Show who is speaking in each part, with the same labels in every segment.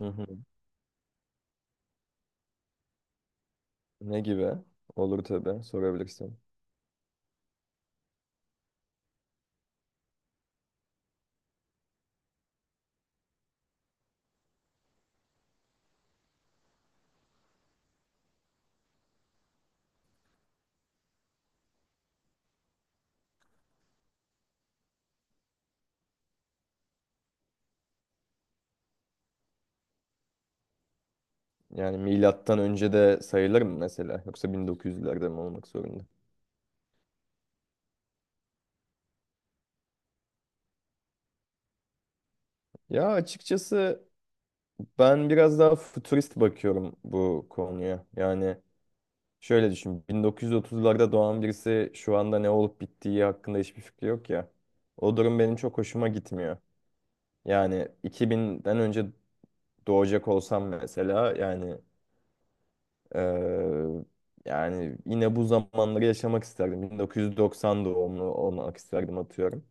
Speaker 1: Hı hı. Ne gibi? Olur tabii. Sorabilirsin. Yani milattan önce de sayılır mı mesela? Yoksa 1900'lerde mi olmak zorunda? Ya açıkçası ben biraz daha futurist bakıyorum bu konuya. Yani şöyle düşün. 1930'larda doğan birisi şu anda ne olup bittiği hakkında hiçbir fikri yok ya. O durum benim çok hoşuma gitmiyor. Yani 2000'den önce doğacak olsam mesela Eee, yani yine bu zamanları yaşamak isterdim. 1990 doğumlu olmak isterdim atıyorum.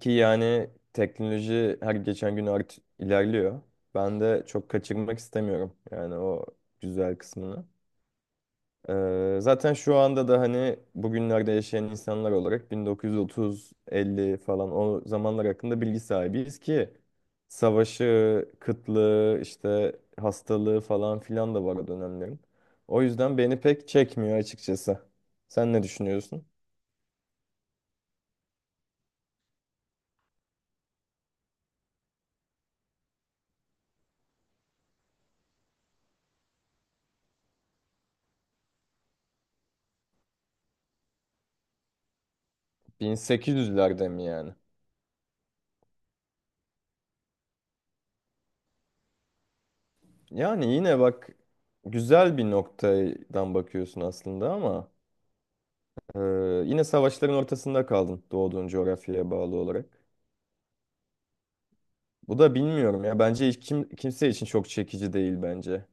Speaker 1: Ki yani teknoloji her geçen gün ilerliyor. Ben de çok kaçırmak istemiyorum yani o güzel kısmını. Zaten şu anda da hani bugünlerde yaşayan insanlar olarak 1930-50 falan o zamanlar hakkında bilgi sahibiyiz ki savaşı, kıtlığı, işte hastalığı falan filan da var o dönemlerin. O yüzden beni pek çekmiyor açıkçası. Sen ne düşünüyorsun? 1800'lerde mi yani? Yani yine bak güzel bir noktadan bakıyorsun aslında ama e, yine savaşların ortasında kaldın doğduğun coğrafyaya bağlı olarak. Bu da bilmiyorum ya. Bence hiç kimse için çok çekici değil bence.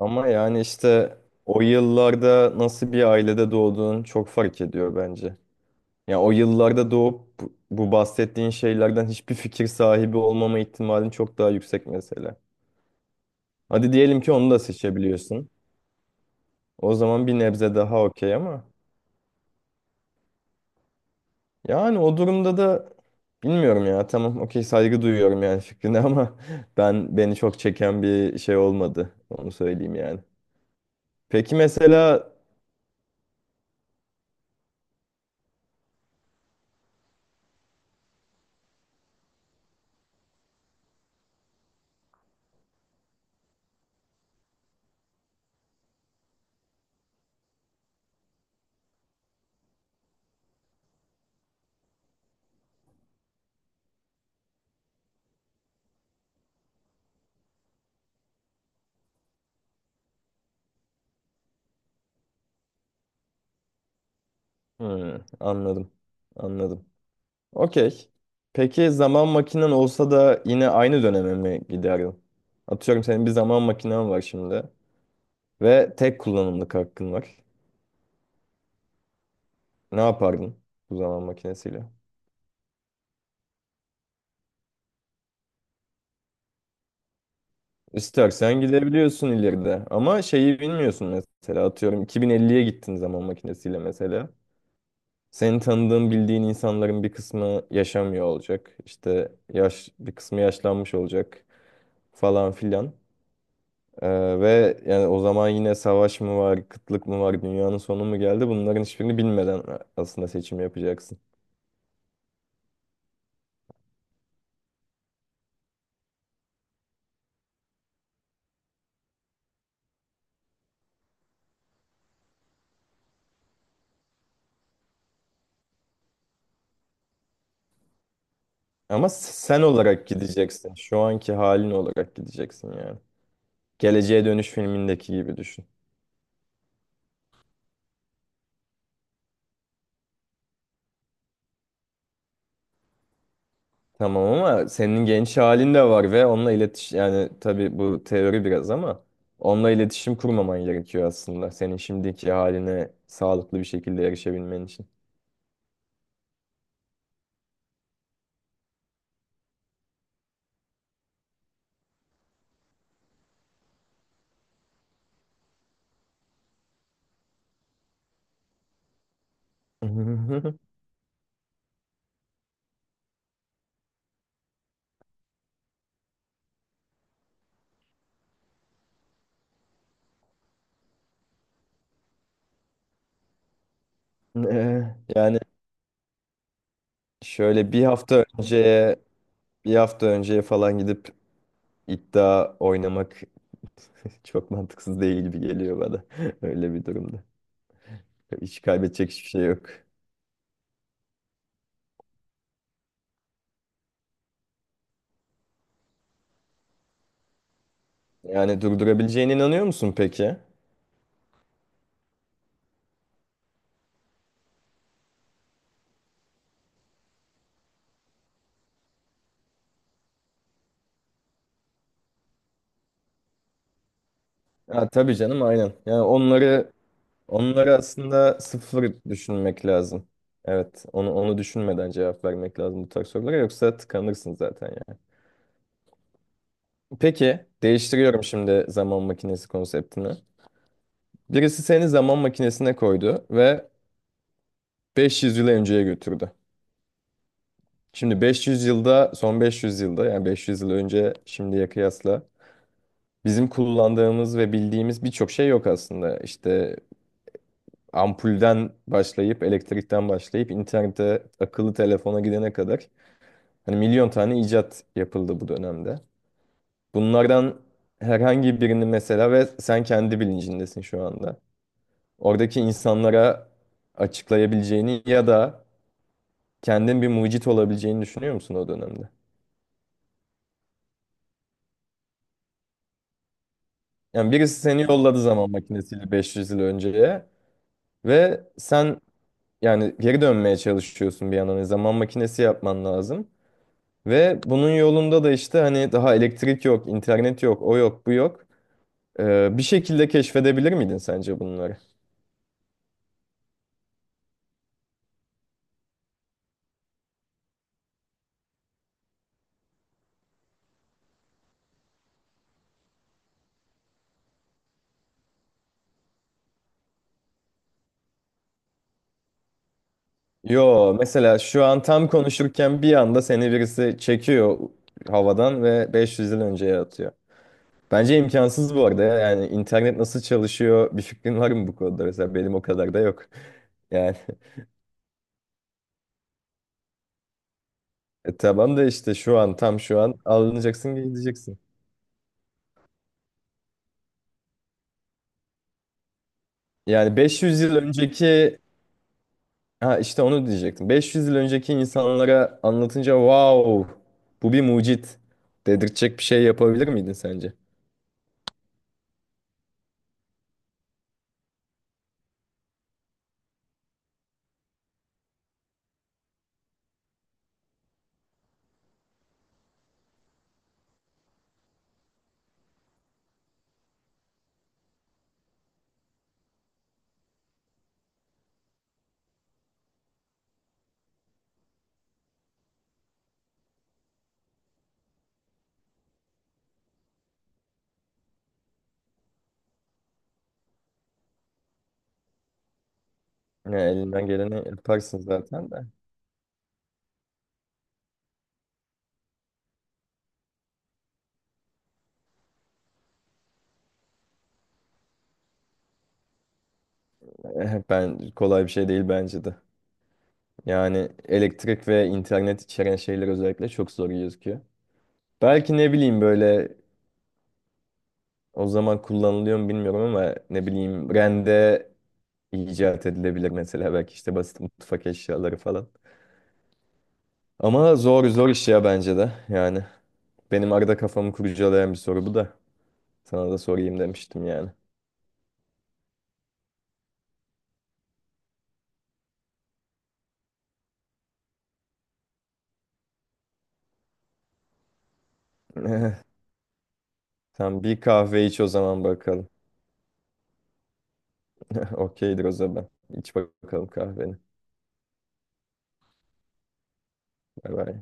Speaker 1: Ama yani işte o yıllarda nasıl bir ailede doğduğun çok fark ediyor bence. Ya o yıllarda doğup bu bahsettiğin şeylerden hiçbir fikir sahibi olmama ihtimalin çok daha yüksek mesela. Hadi diyelim ki onu da seçebiliyorsun. O zaman bir nebze daha okey ama yani o durumda da bilmiyorum ya. Tamam okey saygı duyuyorum yani fikrine ama ben beni çok çeken bir şey olmadı. Onu söyleyeyim yani. Peki, mesela. Hı, anladım. Anladım. Okey. Peki zaman makinen olsa da yine aynı döneme mi giderdin? Atıyorum senin bir zaman makinen var şimdi ve tek kullanımlık hakkın var. Ne yapardın bu zaman makinesiyle? İstersen gidebiliyorsun ileride ama şeyi bilmiyorsun mesela atıyorum 2050'ye gittin zaman makinesiyle mesela. Senin tanıdığın bildiğin insanların bir kısmı yaşamıyor olacak. İşte bir kısmı yaşlanmış olacak falan filan. Ve yani o zaman yine savaş mı var, kıtlık mı var, dünyanın sonu mu geldi? Bunların hiçbirini bilmeden aslında seçim yapacaksın. Ama sen olarak gideceksin. Şu anki halin olarak gideceksin yani. Geleceğe Dönüş filmindeki gibi düşün. Tamam ama senin genç halin de var ve onunla yani, tabii bu teori biraz ama, onunla iletişim kurmaman gerekiyor aslında. Senin şimdiki haline sağlıklı bir şekilde erişebilmen için. Ee, Yani şöyle bir hafta önce falan gidip iddia oynamak çok mantıksız değil gibi geliyor bana. Öyle bir durumda. Hiç kaybedecek hiçbir şey yok. Yani durdurabileceğine inanıyor musun peki? Ha, tabii canım aynen. Yani onları aslında sıfır düşünmek lazım. Evet, onu düşünmeden cevap vermek lazım bu tarz sorulara, yoksa tıkanırsın zaten yani. Peki, değiştiriyorum şimdi zaman makinesi konseptini. Birisi seni zaman makinesine koydu ve 500 yıl önceye götürdü. Şimdi 500 yılda, son 500 yılda, yani 500 yıl önce şimdiye kıyasla bizim kullandığımız ve bildiğimiz birçok şey yok aslında. İşte ampulden başlayıp, elektrikten başlayıp, internete, akıllı telefona gidene kadar hani milyon tane icat yapıldı bu dönemde. Bunlardan herhangi birini mesela, ve sen kendi bilincindesin şu anda. Oradaki insanlara açıklayabileceğini ya da kendin bir mucit olabileceğini düşünüyor musun o dönemde? Yani birisi seni yolladı zaman makinesiyle 500 yıl önceye ve sen yani geri dönmeye çalışıyorsun bir yandan. Yani zaman makinesi yapman lazım. Ve bunun yolunda da işte hani daha elektrik yok, internet yok, o yok, bu yok. Bir şekilde keşfedebilir miydin sence bunları? Yo, mesela şu an tam konuşurken bir anda seni birisi çekiyor havadan ve 500 yıl önceye atıyor. Bence imkansız bu arada ya. Yani internet nasıl çalışıyor, bir fikrin var mı bu konuda? Mesela benim o kadar da yok. Yani. Tamam da işte şu an, tam şu an alınacaksın, gideceksin. Yani 500 yıl önceki, ha işte onu diyecektim. 500 yıl önceki insanlara anlatınca wow, bu bir mucit dedirtecek bir şey yapabilir miydin sence? Ya elinden geleni yaparsın zaten de. Ben kolay bir şey değil bence de. Yani elektrik ve internet içeren şeyler özellikle çok zor gözüküyor. Belki ne bileyim, böyle o zaman kullanılıyor mu bilmiyorum ama ne bileyim, rende icat edilebilir mesela, belki işte basit mutfak eşyaları falan. Ama zor zor iş ya bence de yani. Benim arada kafamı kurcalayan bir soru bu da. Sana da sorayım demiştim yani. Tamam, bir kahve iç o zaman bakalım. Okeydir o zaman. İç bakalım kahveni. Bay bay.